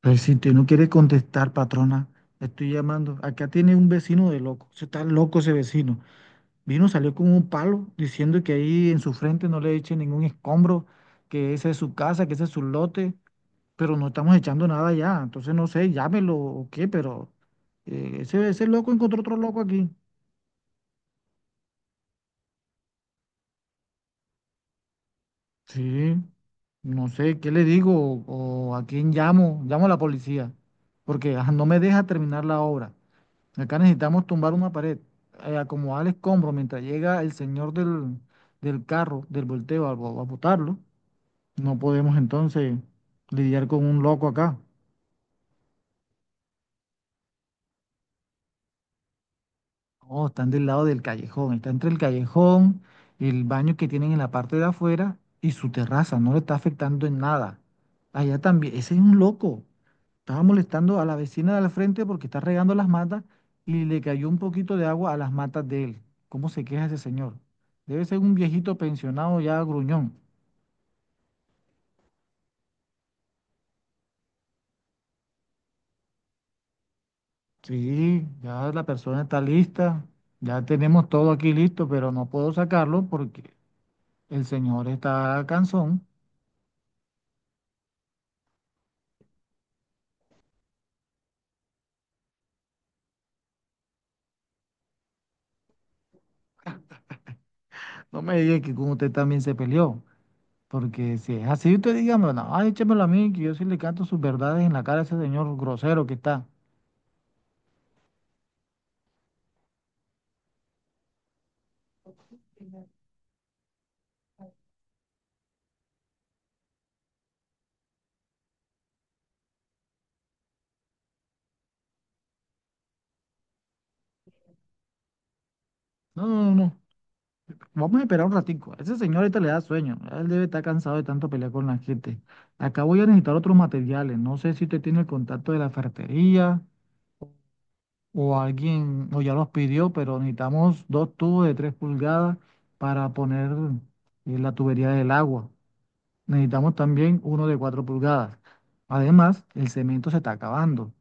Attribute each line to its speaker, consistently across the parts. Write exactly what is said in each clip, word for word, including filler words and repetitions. Speaker 1: Pues si usted no quiere contestar, patrona, le estoy llamando. Acá tiene un vecino de loco. Se está loco ese vecino. Vino, salió con un palo diciendo que ahí en su frente no le echen ningún escombro, que esa es su casa, que ese es su lote, pero no estamos echando nada ya. Entonces no sé, llámelo o qué, pero eh, ese, ese loco encontró otro loco aquí. Sí, no sé, ¿qué le digo? ¿O a quién llamo? Llamo a la policía, porque ah, no me deja terminar la obra. Acá necesitamos tumbar una pared, eh, acomodar el escombro mientras llega el señor del, del carro, del volteo, a, bo- a botarlo. No podemos entonces lidiar con un loco acá. Oh, están del lado del callejón, está entre el callejón, el baño que tienen en la parte de afuera y su terraza, no le está afectando en nada. Allá también, ese es un loco. Estaba molestando a la vecina de al frente porque está regando las matas y le cayó un poquito de agua a las matas de él. ¿Cómo se queja ese señor? Debe ser un viejito pensionado ya gruñón. Sí, ya la persona está lista, ya tenemos todo aquí listo, pero no puedo sacarlo porque el señor está cansón. No me diga que con usted también se peleó, porque si es así, usted dígame, no, ay, échemelo a mí, que yo sí le canto sus verdades en la cara a ese señor grosero que está. No, no, no, no. Vamos a esperar un ratico. Ese señor ahorita le da sueño. Él debe estar cansado de tanto pelear con la gente. Acá voy a necesitar otros materiales. No sé si usted tiene el contacto de la ferretería o alguien, o ya los pidió, pero necesitamos dos tubos de tres pulgadas para poner eh, la tubería del agua. Necesitamos también uno de cuatro pulgadas. Además, el cemento se está acabando.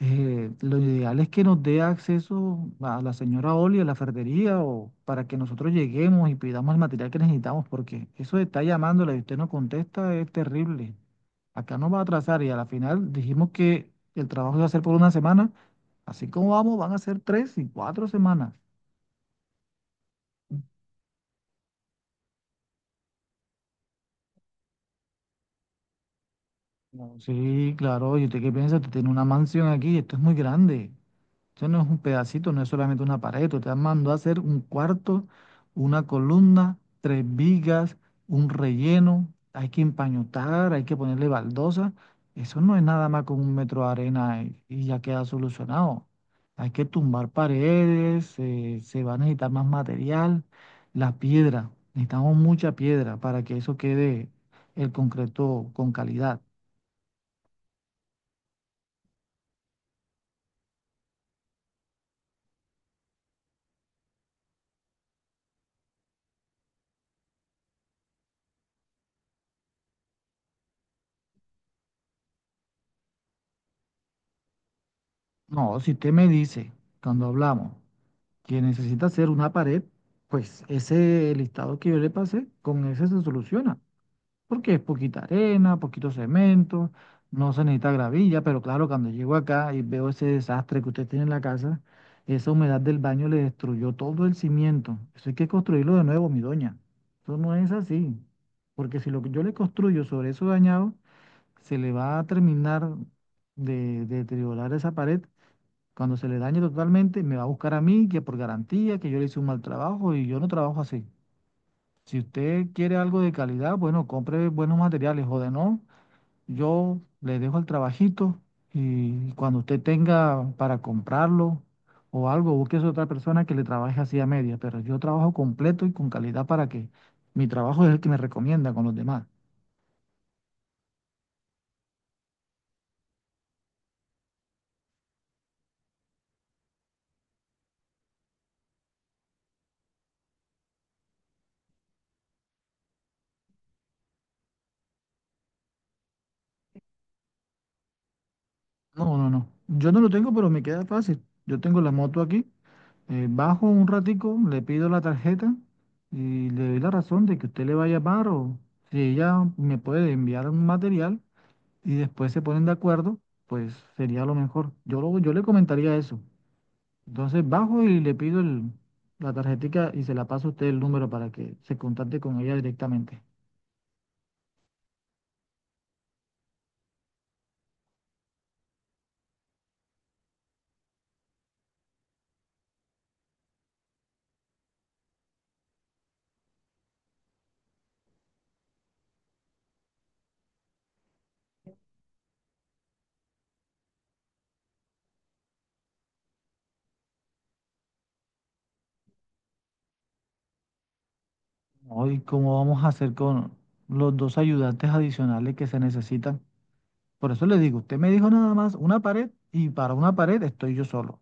Speaker 1: eh, Lo ideal es que nos dé acceso a la señora Oli, a la ferretería, o para que nosotros lleguemos y pidamos el material que necesitamos, porque eso de estar llamándola y usted no contesta es terrible. Acá nos va a atrasar y a la final dijimos que el trabajo iba a ser por una semana. Así como vamos, van a ser tres y cuatro semanas. No, sí, claro, ¿y usted qué piensa? Usted tiene una mansión aquí, esto es muy grande. Esto no es un pedacito, no es solamente una pared. Usted mandó a hacer un cuarto, una columna, tres vigas, un relleno. Hay que empañotar, hay que ponerle baldosa. Eso no es nada más con un metro de arena y, y ya queda solucionado. Hay que tumbar paredes, eh, se va a necesitar más material. La piedra, necesitamos mucha piedra para que eso quede el concreto con calidad. No, si usted me dice cuando hablamos que necesita hacer una pared, pues ese listado que yo le pasé, con ese se soluciona, porque es poquita arena, poquito cemento, no se necesita gravilla, pero claro, cuando llego acá y veo ese desastre que usted tiene en la casa, esa humedad del baño le destruyó todo el cimiento. Eso hay que construirlo de nuevo, mi doña. Eso no es así, porque si lo que yo le construyo sobre eso dañado, se le va a terminar de de deteriorar esa pared cuando se le dañe totalmente, me va a buscar a mí, que por garantía, que yo le hice un mal trabajo y yo no trabajo así. Si usted quiere algo de calidad, bueno, compre buenos materiales o de no, yo le dejo el trabajito y cuando usted tenga para comprarlo o algo, busque a otra persona que le trabaje así a media, pero yo trabajo completo y con calidad para que mi trabajo es el que me recomienda con los demás. No, no, no. Yo no lo tengo, pero me queda fácil. Yo tengo la moto aquí. Eh, bajo un ratico, le pido la tarjeta y le doy la razón de que usted le va a llamar o si ella me puede enviar un material y después se ponen de acuerdo, pues sería lo mejor. Yo, lo- yo le comentaría eso. Entonces bajo y le pido el- la tarjetica y se la paso a usted el número para que se contacte con ella directamente. Hoy, ¿cómo vamos a hacer con los dos ayudantes adicionales que se necesitan? Por eso le digo, usted me dijo nada más una pared y para una pared estoy yo solo.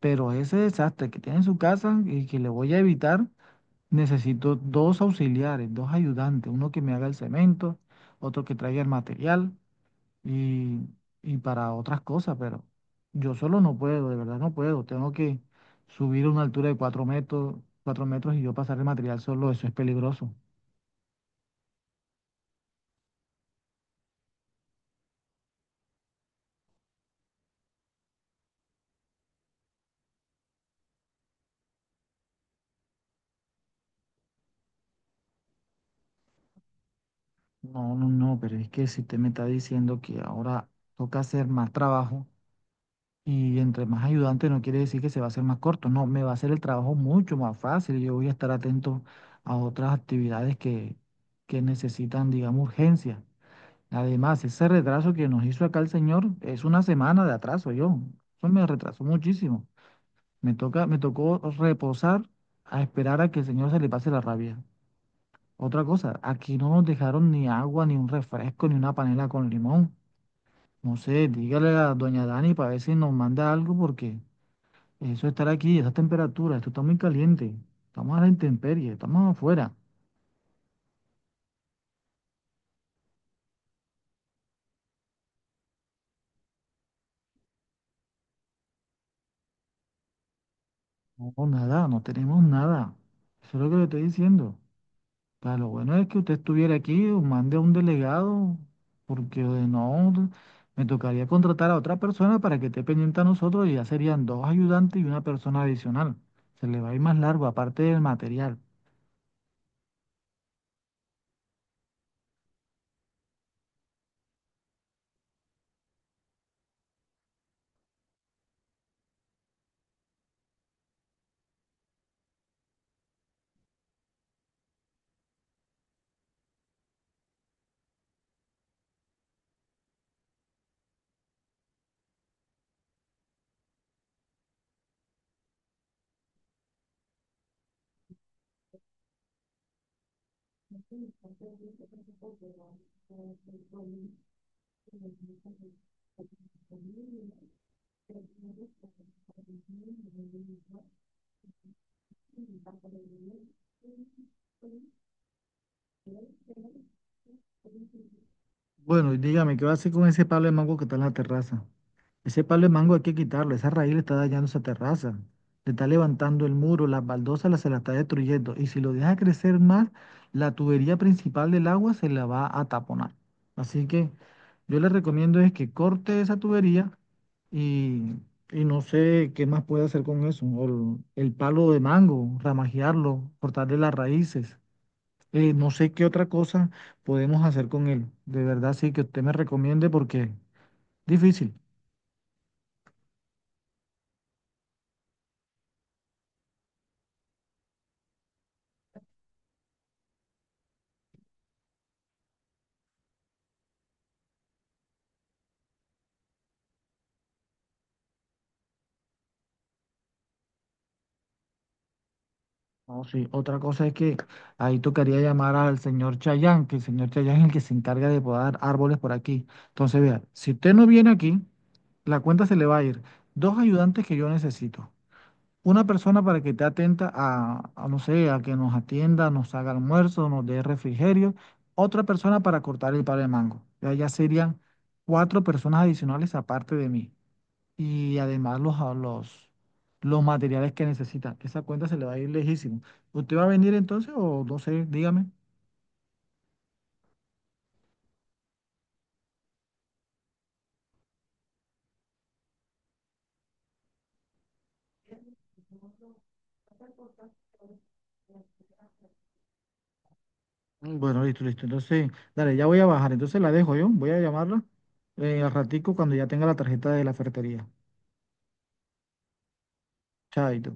Speaker 1: Pero ese desastre que tiene en su casa y que le voy a evitar, necesito dos auxiliares, dos ayudantes, uno que me haga el cemento, otro que traiga el material y, y para otras cosas, pero yo solo no puedo, de verdad no puedo. Tengo que subir a una altura de cuatro metros, cuatro metros, y yo pasar el material solo, eso es peligroso. No, no, no, pero es que si usted me está diciendo que ahora toca hacer más trabajo. Y entre más ayudante no quiere decir que se va a hacer más corto, no, me va a hacer el trabajo mucho más fácil. Yo voy a estar atento a otras actividades que, que necesitan, digamos, urgencia. Además, ese retraso que nos hizo acá el señor es una semana de atraso, yo. Eso me retrasó muchísimo. Me toca, me tocó reposar, a esperar a que el señor se le pase la rabia. Otra cosa, aquí no nos dejaron ni agua, ni un refresco, ni una panela con limón. No sé, dígale a doña Dani para ver si nos manda algo porque, eso, estar aquí, esas temperaturas, esto está muy caliente. Estamos a la intemperie, estamos afuera. No, nada, no tenemos nada. Eso es lo que le estoy diciendo. Pero lo bueno es que usted estuviera aquí o mande a un delegado, porque de no, me tocaría contratar a otra persona para que esté pendiente a nosotros y ya serían dos ayudantes y una persona adicional. Se le va a ir más largo, aparte del material. Bueno, y dígame, ¿qué va a hacer con ese palo de mango que está en la terraza? Ese palo de mango hay que quitarlo, esa raíz le está dañando esa terraza, le está levantando el muro, las baldosas la- se la está destruyendo, y si lo deja crecer más, la tubería principal del agua se la va a taponar. Así que yo le recomiendo es que corte esa tubería y, y no sé qué más puede hacer con eso, o el, el palo de mango, ramajearlo, cortarle las raíces. Eh, no sé qué otra cosa podemos hacer con él. De verdad, sí, que usted me recomiende porque difícil. No, sí. Otra cosa es que ahí tocaría llamar al señor Chayán, que el señor Chayán es el que se encarga de podar árboles por aquí. Entonces, vea, si usted no viene aquí, la cuenta se le va a ir. Dos ayudantes que yo necesito. Una persona para que esté atenta a, a, no sé, a que nos atienda, nos haga almuerzo, nos dé refrigerio. Otra persona para cortar el palo de mango. Ya, ya serían cuatro personas adicionales aparte de mí. Y además los, a- los, los materiales que necesita. Esa cuenta se le va a ir lejísimo. ¿Usted va a venir entonces o no sé? Dígame. Mm, bueno, listo, listo. Entonces, dale, ya voy a bajar. Entonces la dejo yo. Voy a llamarla eh, al ratico cuando ya tenga la tarjeta de la ferretería. Chaito.